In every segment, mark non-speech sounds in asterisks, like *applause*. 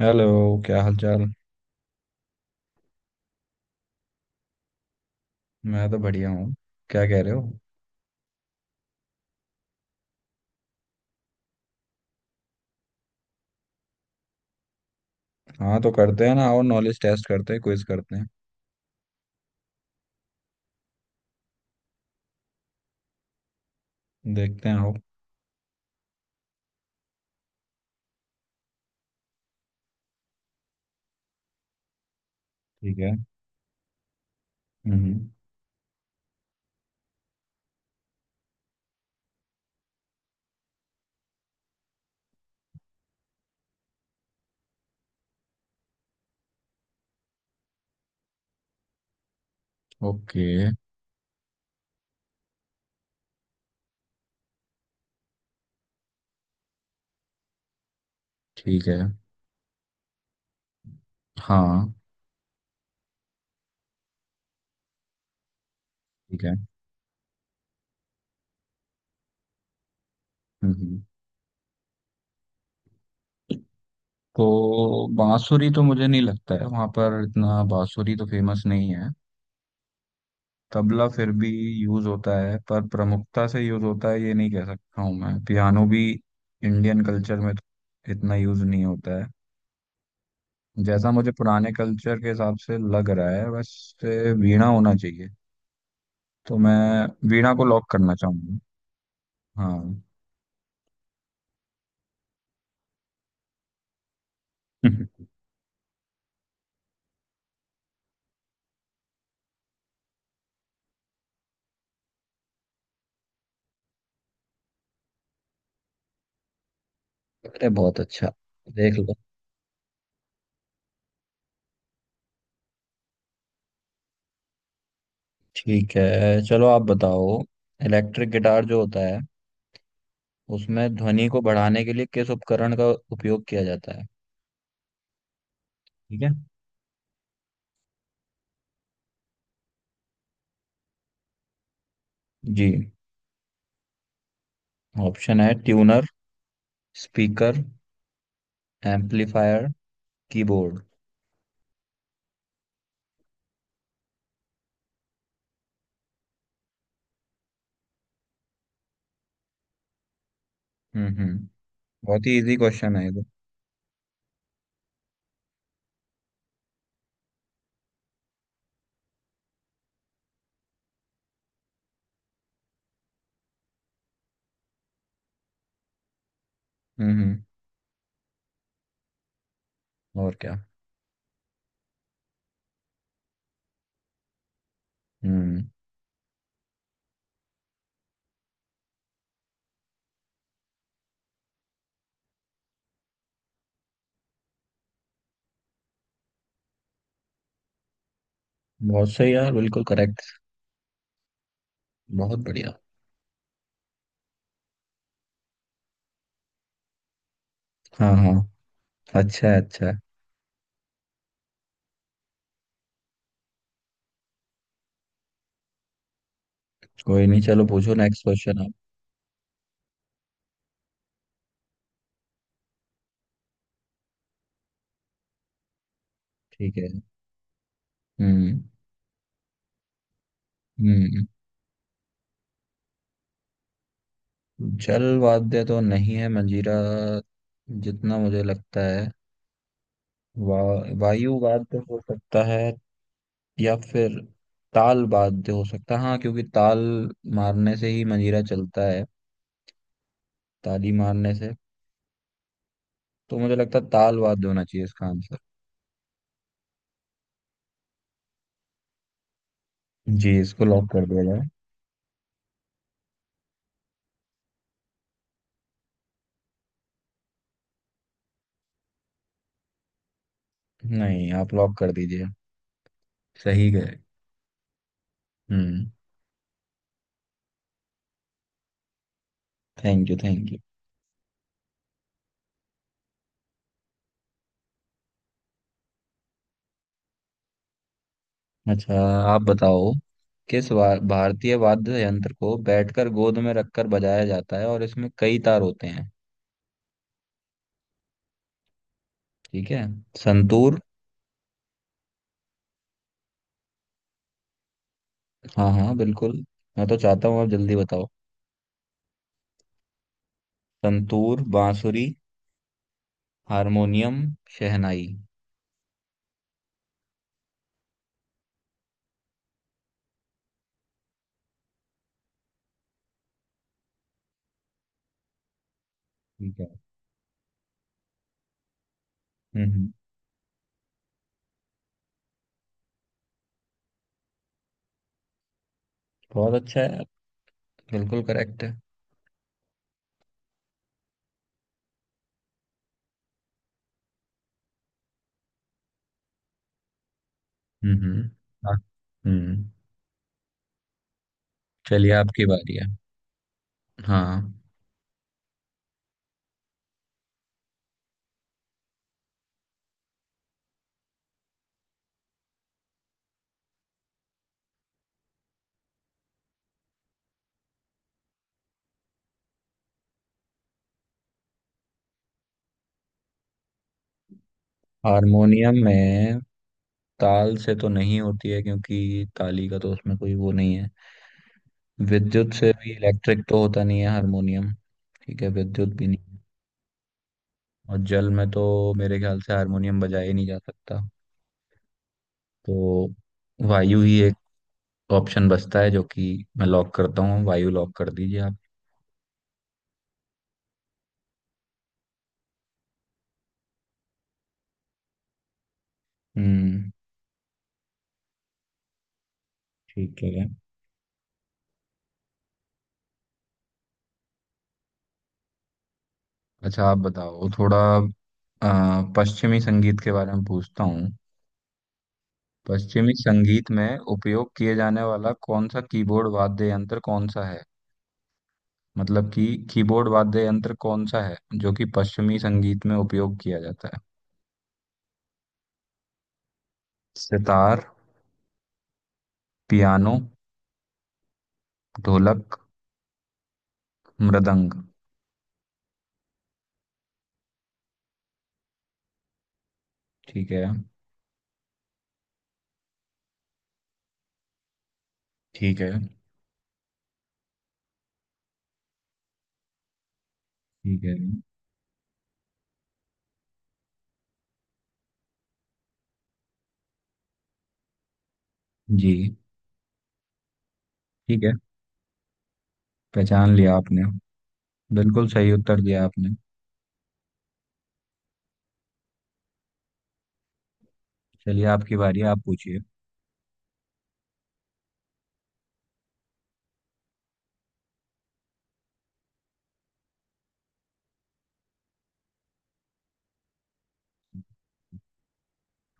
Hello. क्या हाल चाल। मैं तो बढ़िया हूँ। क्या कह रहे हो? हाँ, तो करते हैं ना। आओ, नॉलेज टेस्ट करते हैं, क्विज करते हैं। देखते हैं, आओ। ठीक है। हम्म। ओके। ठीक है। हाँ। ठीक है। हम्म। तो बांसुरी तो मुझे नहीं लगता है वहाँ पर इतना बांसुरी तो फेमस नहीं है। तबला फिर भी यूज होता है, पर प्रमुखता से यूज होता है ये नहीं कह सकता हूँ। मैं पियानो भी इंडियन कल्चर में तो इतना यूज नहीं होता है। जैसा मुझे पुराने कल्चर के हिसाब से लग रहा है, वैसे वीणा होना चाहिए। तो मैं वीणा को लॉक करना चाहूंगा। हाँ। *laughs* अरे बहुत अच्छा, देख लो। ठीक है, चलो आप बताओ। इलेक्ट्रिक गिटार जो होता है उसमें ध्वनि को बढ़ाने के लिए किस उपकरण का उपयोग किया जाता है? ठीक है। जी। ऑप्शन है ट्यूनर, स्पीकर, एम्पलीफायर, कीबोर्ड। हम्म। बहुत ही इजी क्वेश्चन है ये तो। हम्म। और क्या। हम्म। बहुत सही यार, बिल्कुल करेक्ट। बहुत बढ़िया। हाँ हाँ। अच्छा है, अच्छा है। कोई नहीं, चलो पूछो नेक्स्ट क्वेश्चन आप। ठीक है। हम्म हम्म। जल वाद्य तो नहीं है मंजीरा, जितना मुझे लगता है। वा, वायु वाद्य हो सकता है, या फिर ताल वाद्य हो सकता है। हाँ, क्योंकि ताल मारने से ही मंजीरा चलता है, ताली मारने से। तो मुझे लगता है ताल वाद्य होना चाहिए इसका आंसर। जी, इसको लॉक कर दिया जाए। नहीं, आप लॉक कर दीजिए। सही गए। हम्म। Thank you thank you. अच्छा, आप बताओ। किस भारतीय वाद्य यंत्र को बैठकर गोद में रखकर बजाया जाता है, और इसमें कई तार होते हैं? ठीक है। संतूर। हाँ हाँ बिल्कुल। मैं तो चाहता हूँ आप जल्दी बताओ। संतूर, बांसुरी, हारमोनियम, शहनाई। ठीक है। हम्म। बहुत अच्छा है, बिल्कुल करेक्ट है। हम्म। हाँ। हम्म। चलिए आपकी बारी है। हाँ। हारमोनियम में ताल से तो नहीं होती है, क्योंकि ताली का तो उसमें कोई वो नहीं है। विद्युत से भी इलेक्ट्रिक तो होता नहीं है हारमोनियम। ठीक है, विद्युत भी नहीं है। और जल में तो मेरे ख्याल से हारमोनियम बजाया ही नहीं जा सकता। तो वायु ही एक ऑप्शन बचता है, जो कि मैं लॉक करता हूँ। वायु लॉक कर दीजिए आप। हम्म। ठीक है। अच्छा, आप बताओ थोड़ा। पश्चिमी संगीत के बारे में पूछता हूँ। पश्चिमी संगीत में उपयोग किए जाने वाला कौन सा कीबोर्ड वाद्य यंत्र कौन सा है? मतलब कि कीबोर्ड वाद्य यंत्र कौन सा है जो कि पश्चिमी संगीत में उपयोग किया जाता है? सितार, पियानो, ढोलक, मृदंग। ठीक है। ठीक है। ठीक है। जी। ठीक है। पहचान लिया आपने। बिल्कुल सही उत्तर दिया आपने। चलिए आपकी बारी है, आप पूछिए।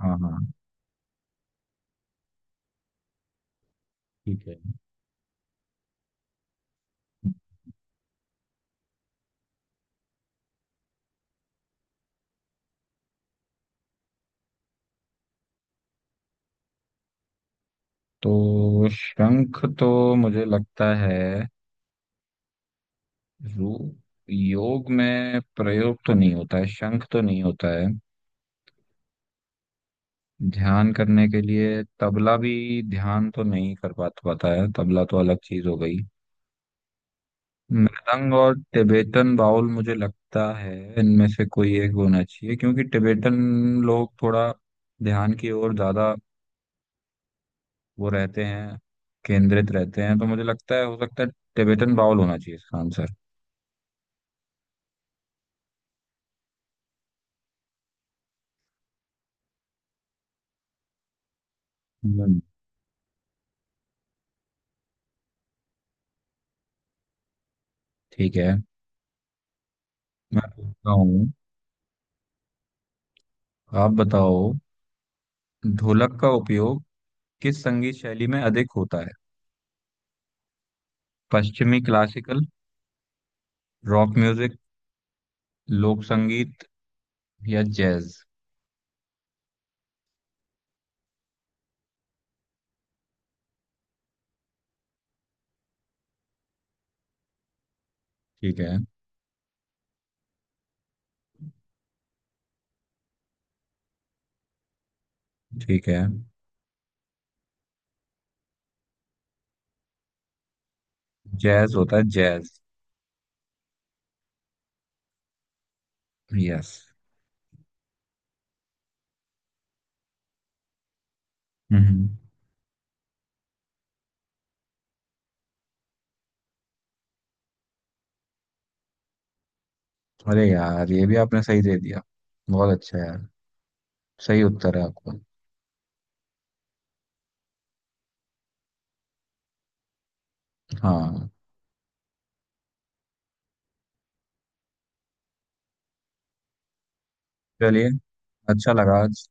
हाँ हाँ। ठीक है। तो शंख तो मुझे लगता है रू योग में प्रयोग तो नहीं होता है, शंख तो नहीं होता है। ध्यान करने के लिए तबला भी ध्यान तो नहीं कर पाता पाता है, तबला तो अलग चीज हो गई। मृदंग और टिबेटन बाउल, मुझे लगता है इनमें से कोई एक होना चाहिए, क्योंकि टिबेटन लोग थोड़ा ध्यान की ओर ज्यादा वो रहते हैं, केंद्रित रहते हैं। तो मुझे लगता है हो सकता है टिबेटन बाउल होना चाहिए इसका आंसर। हम्म। ठीक है। मैं पूछता हूँ, आप बताओ। ढोलक का उपयोग किस संगीत शैली में अधिक होता है? पश्चिमी क्लासिकल, रॉक म्यूजिक, लोक संगीत, या जैज? ठीक है। ठीक है। जैज होता है जैज। यस। हम्म। अरे यार, ये भी आपने सही दे दिया। बहुत अच्छा है यार। सही उत्तर है आपका। हाँ। चलिए, अच्छा लगा आज।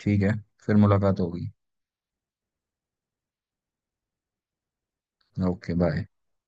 ठीक है, फिर मुलाकात होगी। Okay, bye.